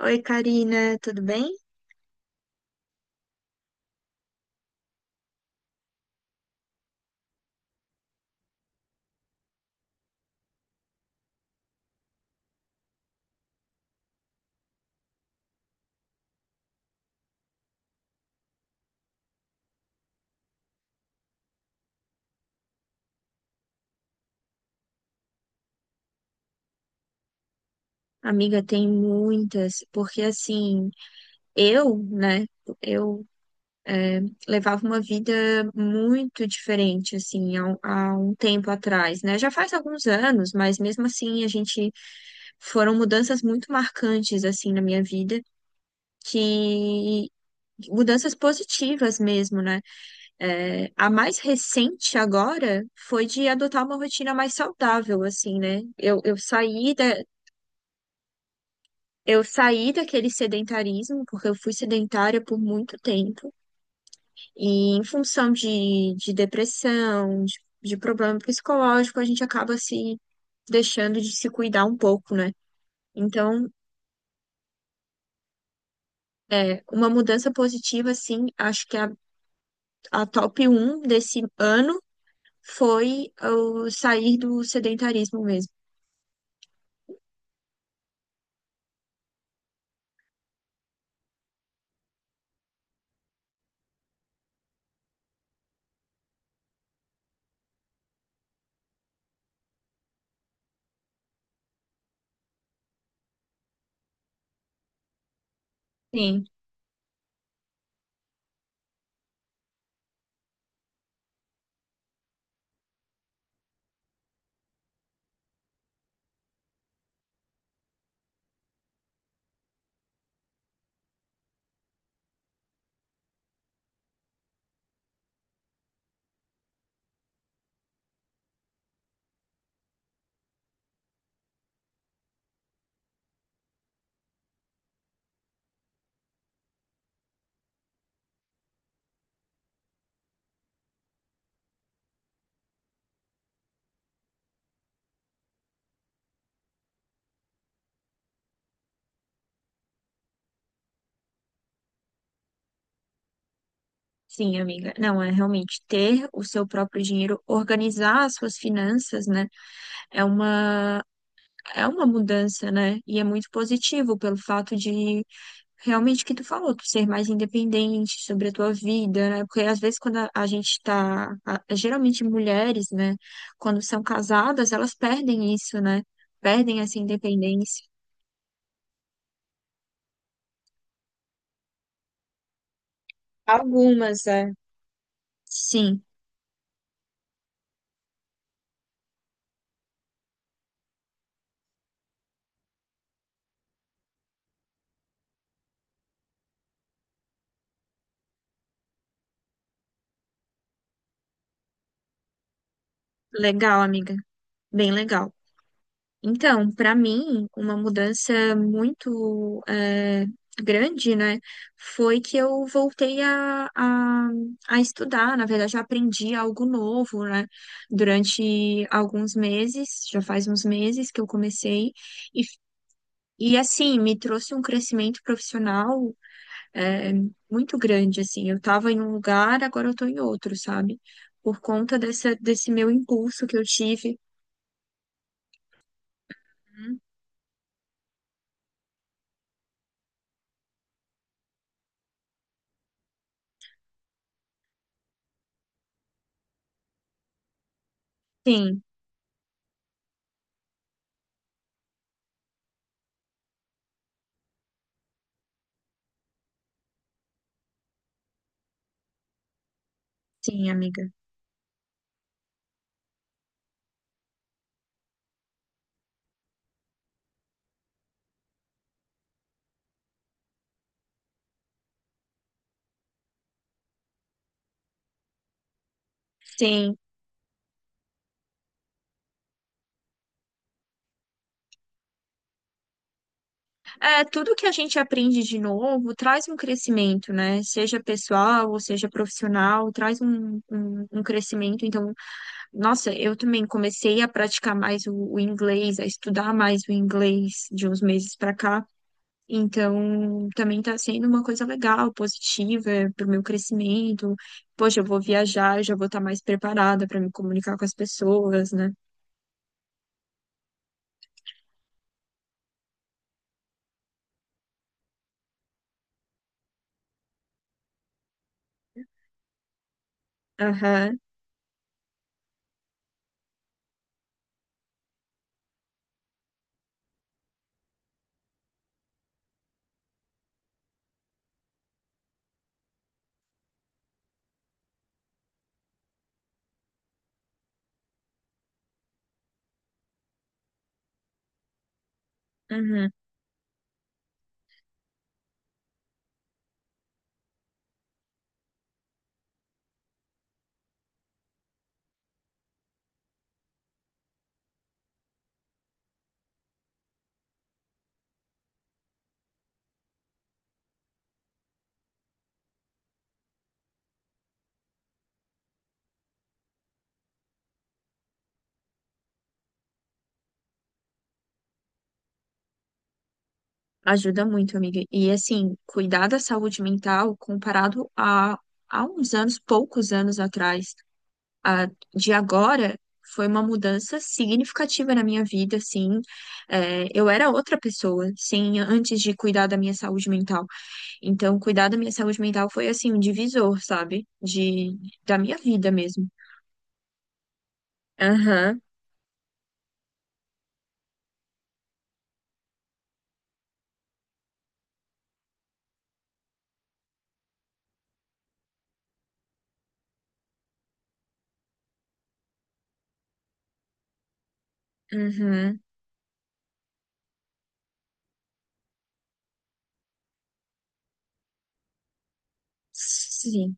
Oi, Karina, tudo bem? Amiga, tem muitas, porque assim, eu, né, eu é, levava uma vida muito diferente, assim, há um tempo atrás, né? Já faz alguns anos, mas mesmo assim a gente foram mudanças muito marcantes, assim, na minha vida, que mudanças positivas mesmo, né? É, a mais recente agora foi de adotar uma rotina mais saudável, assim, né? Eu saí daquele sedentarismo, porque eu fui sedentária por muito tempo, e em função de depressão, de problema psicológico, a gente acaba se deixando de se cuidar um pouco, né? Então, uma mudança positiva, assim, acho que a top um desse ano foi eu sair do sedentarismo mesmo. Sim, sim, amiga. Não, é realmente ter o seu próprio dinheiro, organizar as suas finanças, né? É uma É uma mudança, né? E é muito positivo pelo fato de realmente que tu falou, tu ser mais independente sobre a tua vida, né? Porque às vezes quando a gente tá, geralmente mulheres, né, quando são casadas, elas perdem isso, né? Perdem essa independência. Algumas, é. Sim, legal, amiga. Bem legal. Então, para mim, uma mudança muito grande, né, foi que eu voltei a estudar. Na verdade, eu aprendi algo novo, né, durante alguns meses, já faz uns meses que eu comecei, e, e assim, me trouxe um crescimento profissional eh, muito grande, assim. Eu estava em um lugar, agora eu estou em outro, sabe? Por conta desse meu impulso que eu tive. Hum. Sim, sim, amiga. Sim, é, tudo que a gente aprende de novo traz um crescimento, né? Seja pessoal ou seja profissional, traz um crescimento. Então, nossa, eu também comecei a praticar mais o inglês, a estudar mais o inglês de uns meses para cá. Então, também está sendo uma coisa legal, positiva para o meu crescimento. Poxa, eu vou viajar, eu já vou estar mais preparada para me comunicar com as pessoas, né? Aham, uhum. Ajuda muito, amiga. E assim, cuidar da saúde mental comparado a uns anos, poucos anos atrás, a, de agora, foi uma mudança significativa na minha vida, assim. É, eu era outra pessoa, sim, antes de cuidar da minha saúde mental. Então, cuidar da minha saúde mental foi, assim, um divisor, sabe? De, da minha vida mesmo. Aham, uhum, sim.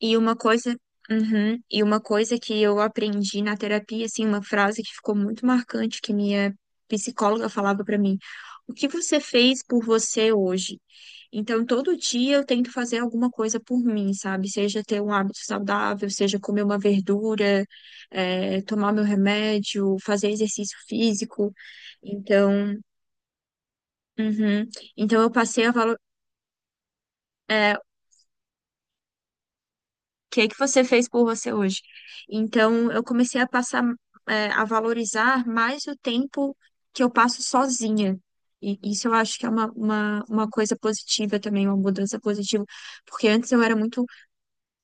E uma coisa, uhum, e uma coisa que eu aprendi na terapia, assim, uma frase que ficou muito marcante que minha psicóloga falava pra mim: "O que você fez por você hoje?" Então, todo dia eu tento fazer alguma coisa por mim, sabe? Seja ter um hábito saudável, seja comer uma verdura, tomar meu remédio, fazer exercício físico. Então, uhum, então eu passei a eh, que é que você fez por você hoje? Então, eu comecei a passar, é, a valorizar mais o tempo que eu passo sozinha. E isso eu acho que é uma coisa positiva também, uma mudança positiva. Porque antes eu era muito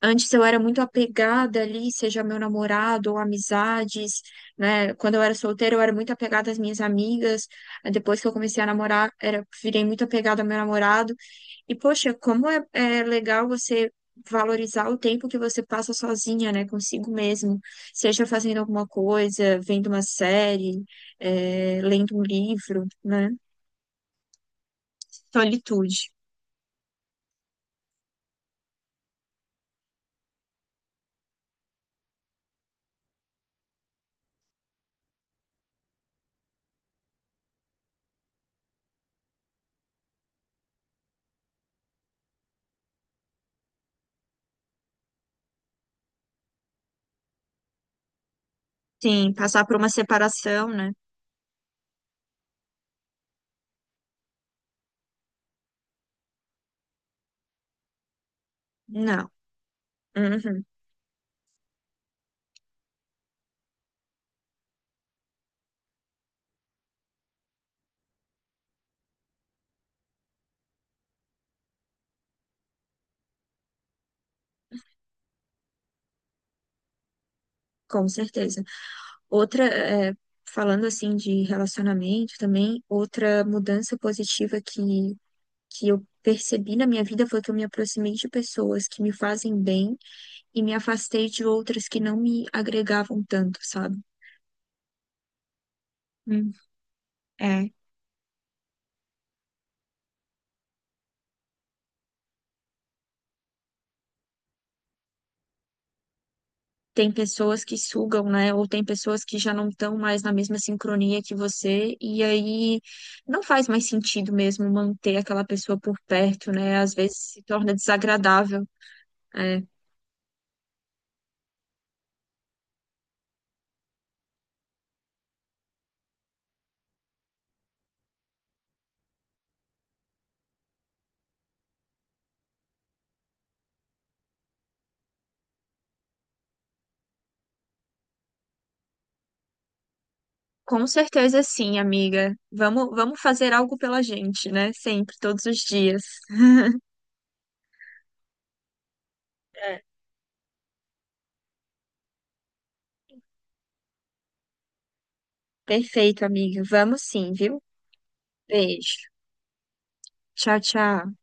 Antes eu era muito apegada ali, seja meu namorado ou amizades, né? Quando eu era solteira, eu era muito apegada às minhas amigas. Aí depois que eu comecei a namorar, era, virei muito apegada ao meu namorado. E, poxa, como é legal você valorizar o tempo que você passa sozinha, né? Consigo mesmo. Seja fazendo alguma coisa, vendo uma série, é, lendo um livro, né? Solitude. Sim, passar por uma separação, né? Não. Uhum. Com certeza. Outra, é, falando assim de relacionamento também, outra mudança positiva que eu percebi na minha vida foi que eu me aproximei de pessoas que me fazem bem e me afastei de outras que não me agregavam tanto, sabe? Hum. É. Tem pessoas que sugam, né? Ou tem pessoas que já não estão mais na mesma sincronia que você, e aí não faz mais sentido mesmo manter aquela pessoa por perto, né? Às vezes se torna desagradável. É. Com certeza sim, amiga. Vamos, vamos fazer algo pela gente, né? Sempre, todos os dias. É. Perfeito, amiga. Vamos sim, viu? Beijo. Tchau, tchau.